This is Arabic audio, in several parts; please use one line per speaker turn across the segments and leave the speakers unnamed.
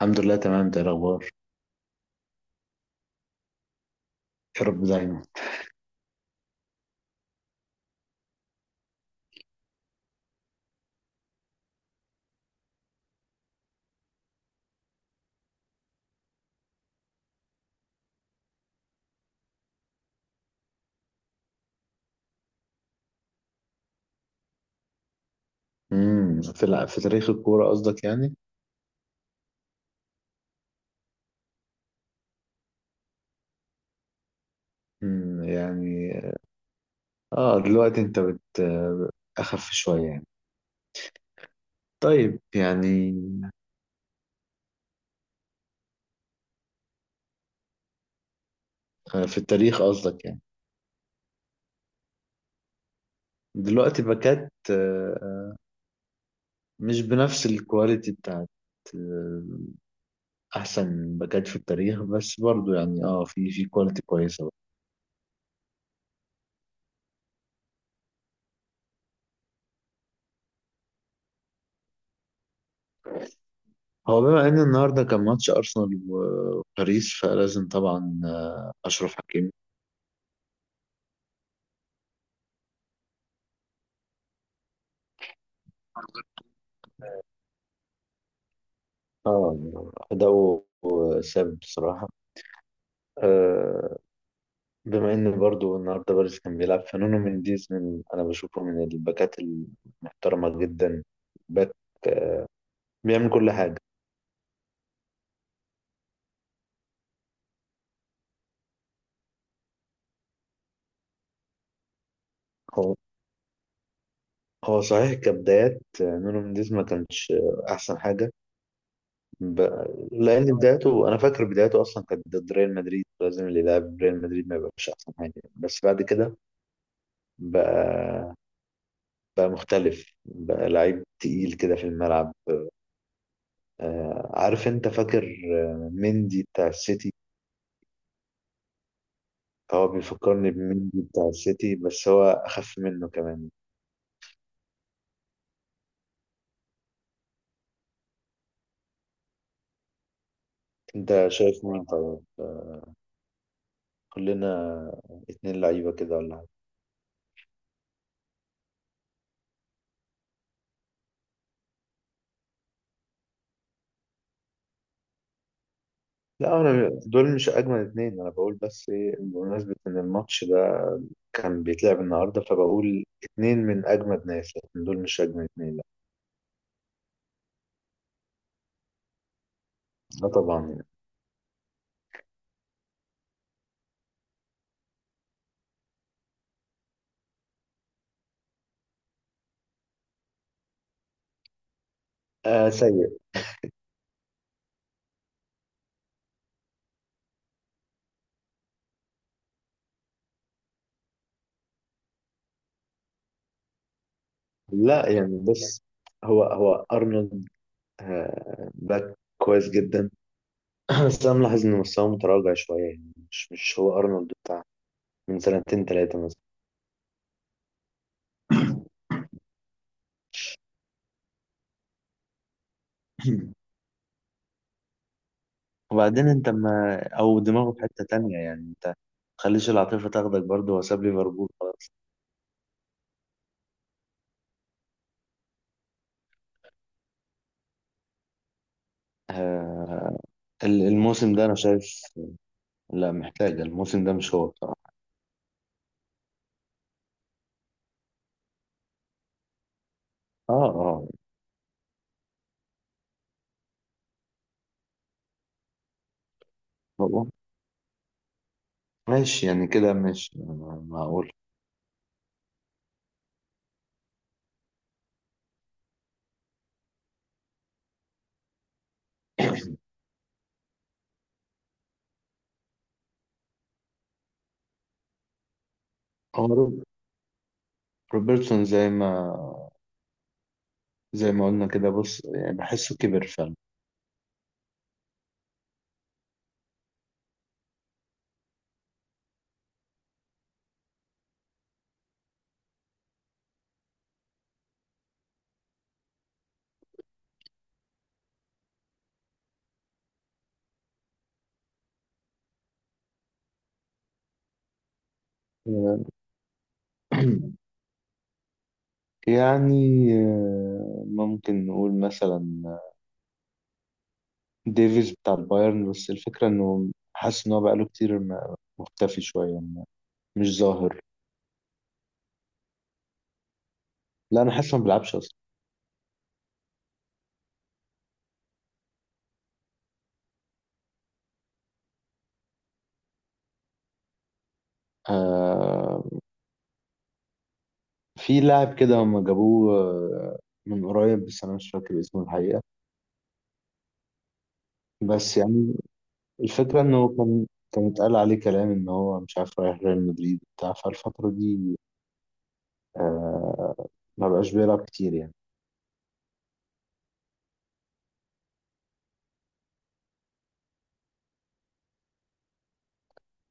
الحمد لله تمام، ده الاخبار. يا رب دايما. في تاريخ الكوره قصدك يعني. يعني. اه دلوقتي انت اخف شويه يعني. طيب يعني. في التاريخ قصدك يعني. دلوقتي باكات مش بنفس الكواليتي بتاعت آه، احسن باكات في التاريخ، بس برضو يعني في كواليتي كويسه بقى. هو بما ان النهارده كان ماتش ارسنال و- وباريس فلازم طبعا اشرف حكيمي. اه أداؤه ثابت بصراحة. آه، بما إن برضو النهاردة باريس كان بيلعب فنونو منديز، من أنا بشوفه من الباكات المحترمة جدا. باك بيعمل كل حاجة. هو هو صحيح كبدايات نونو منديز ما كانش أحسن حاجة. ب... لأن بدايته أنا فاكر بدايته أصلا كانت ضد ريال مدريد، لازم اللي يلعب ريال مدريد ما يبقاش أحسن حاجة. بس بعد كده بقى بقى مختلف، بقى لعيب تقيل كده في الملعب. عارف انت فاكر مندي بتاع السيتي. هو بيفكرني بمندي بتاع السيتي بس هو اخف منه كمان. انت شايف مين؟ طيب. كلنا اتنين لعيبة كده ولا حاجة. لا، انا دول مش اجمل اتنين، انا بقول بس ايه بمناسبة ان الماتش ده كان بيتلعب النهاردة فبقول اتنين من اجمد ناس، لكن دول مش اجمل اتنين، لا. لا، طبعا يعني. آه، سيء. لا يعني، بص. هو ارنولد باك كويس جدا. بس انا ملاحظ ان مستواه متراجع شويه، يعني مش هو ارنولد بتاع من سنتين ثلاثه مثلا. وبعدين انت ما او دماغه في حته تانية، يعني انت ما تخليش العاطفه تاخدك. برضه هو ساب ليفربول خلاص. آه، الموسم ده انا شايف. لا محتاجه. الموسم ده مش هو بصراحه. اه، اه، هو ماشي يعني، كده ماشي. أنا معقول. هو روبرتسون زي ما قلنا كده. بص يعني بحسه كبر فعلا. يعني ممكن نقول مثلا ديفيز بتاع البايرن، بس الفكرة انه حاسس ان هو بقاله كتير مختفي شوية، مش ظاهر. لا انا حاسس إنه ما بيلعبش اصلا. آه في لاعب كده هم جابوه من قريب، بس انا مش فاكر اسمه الحقيقة. بس يعني الفكرة انه كان اتقال عليه كلام ان هو مش عارف رايح ريال مدريد بتاع فالفترة دي. آه ما بقاش بيلعب كتير يعني.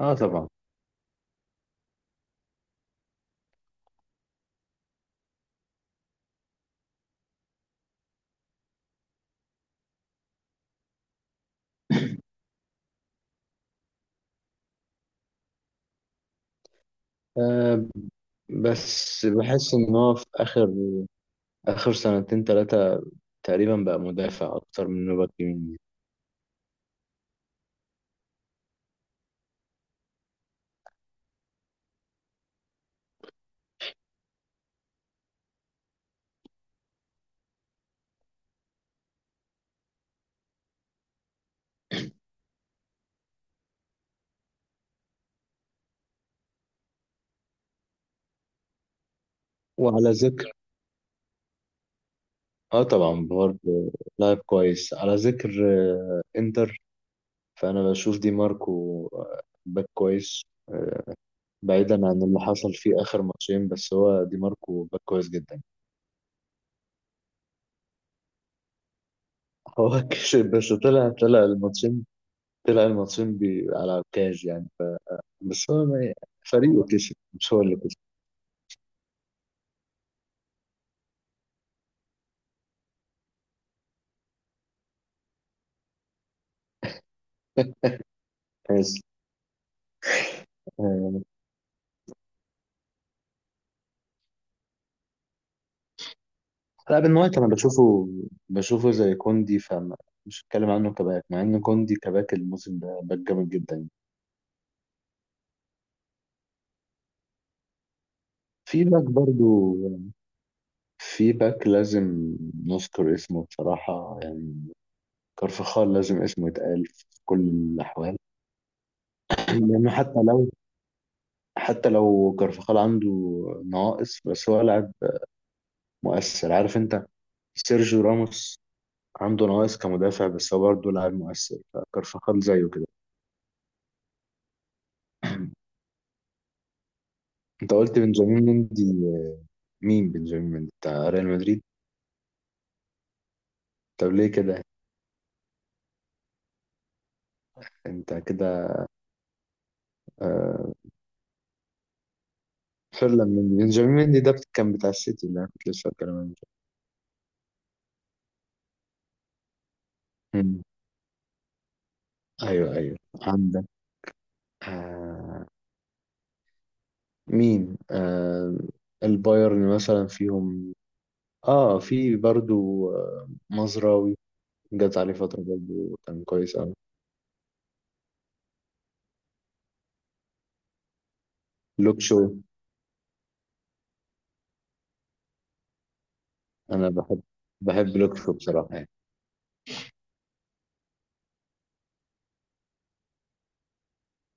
اه، طبعا. آه بس بحس ان هو في آخر سنتين تلاتة تقريبا بقى مدافع أكتر من إنه باك يمين. وعلى ذكر، طبعا برضه لاعب كويس. على ذكر إنتر، فأنا بشوف دي ماركو باك كويس. آه، بعيدا عن اللي حصل فيه آخر ماتشين بس هو دي ماركو باك كويس جدا. هو كسب، بس طلع الماتشين، طلع الماتشين بي على الكاج يعني. بس هو ما- فريقه كسب مش هو اللي كسب. بس آه، لا، بن وايت انا بشوفه، بشوفه زي كوندي فمش هتكلم عنه كباك، مع ان كوندي كباك الموسم ده باك جامد جدا. في باك برضو في باك لازم نذكر اسمه بصراحة يعني. كارفخال لازم اسمه يتقال في كل الأحوال. لأنه حتى لو كارفخال عنده نواقص، بس هو لاعب مؤثر. عارف أنت سيرجيو راموس عنده نواقص كمدافع بس هو برضه لاعب مؤثر، فكارفخال زيه كده. أنت قلت بنجامين مندي؟ مين بنجامين مندي بتاع ريال مدريد؟ طب ليه كده؟ انت كده. آه فعلا، من بنجامين مندي ده كان بتاع السيتي اللي انا كنت لسه بتكلم عنه. مم. ايوه، ايوه، عندك. آه. مين؟ البايرن مثلا فيهم اه في برضو مزراوي. جت عليه فترة برضو كان كويس أوي. لوكشو. أنا بحب لوكشو بصراحة يعني.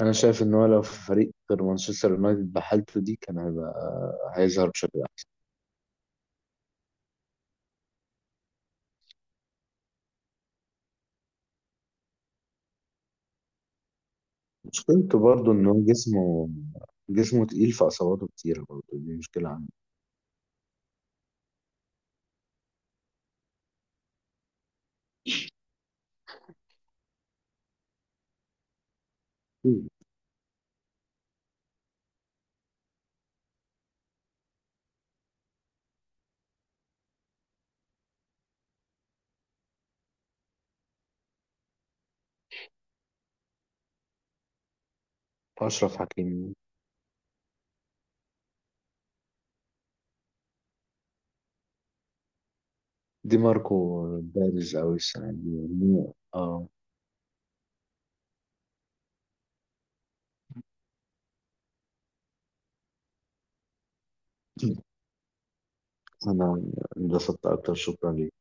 أنا شايف إن هو لو في فريق غير مانشستر يونايتد بحالته دي كان هيبقى هيظهر بشكل. مشكلته برضه إن هو جسمه تقيل فإصاباته كتيرة برضه، دي مشكلة عنده. أشرف حكيمي، دي ماركو بارز أوي السنة دي يعني، اه. أنا انبسطت أكتر، شكرا ليك.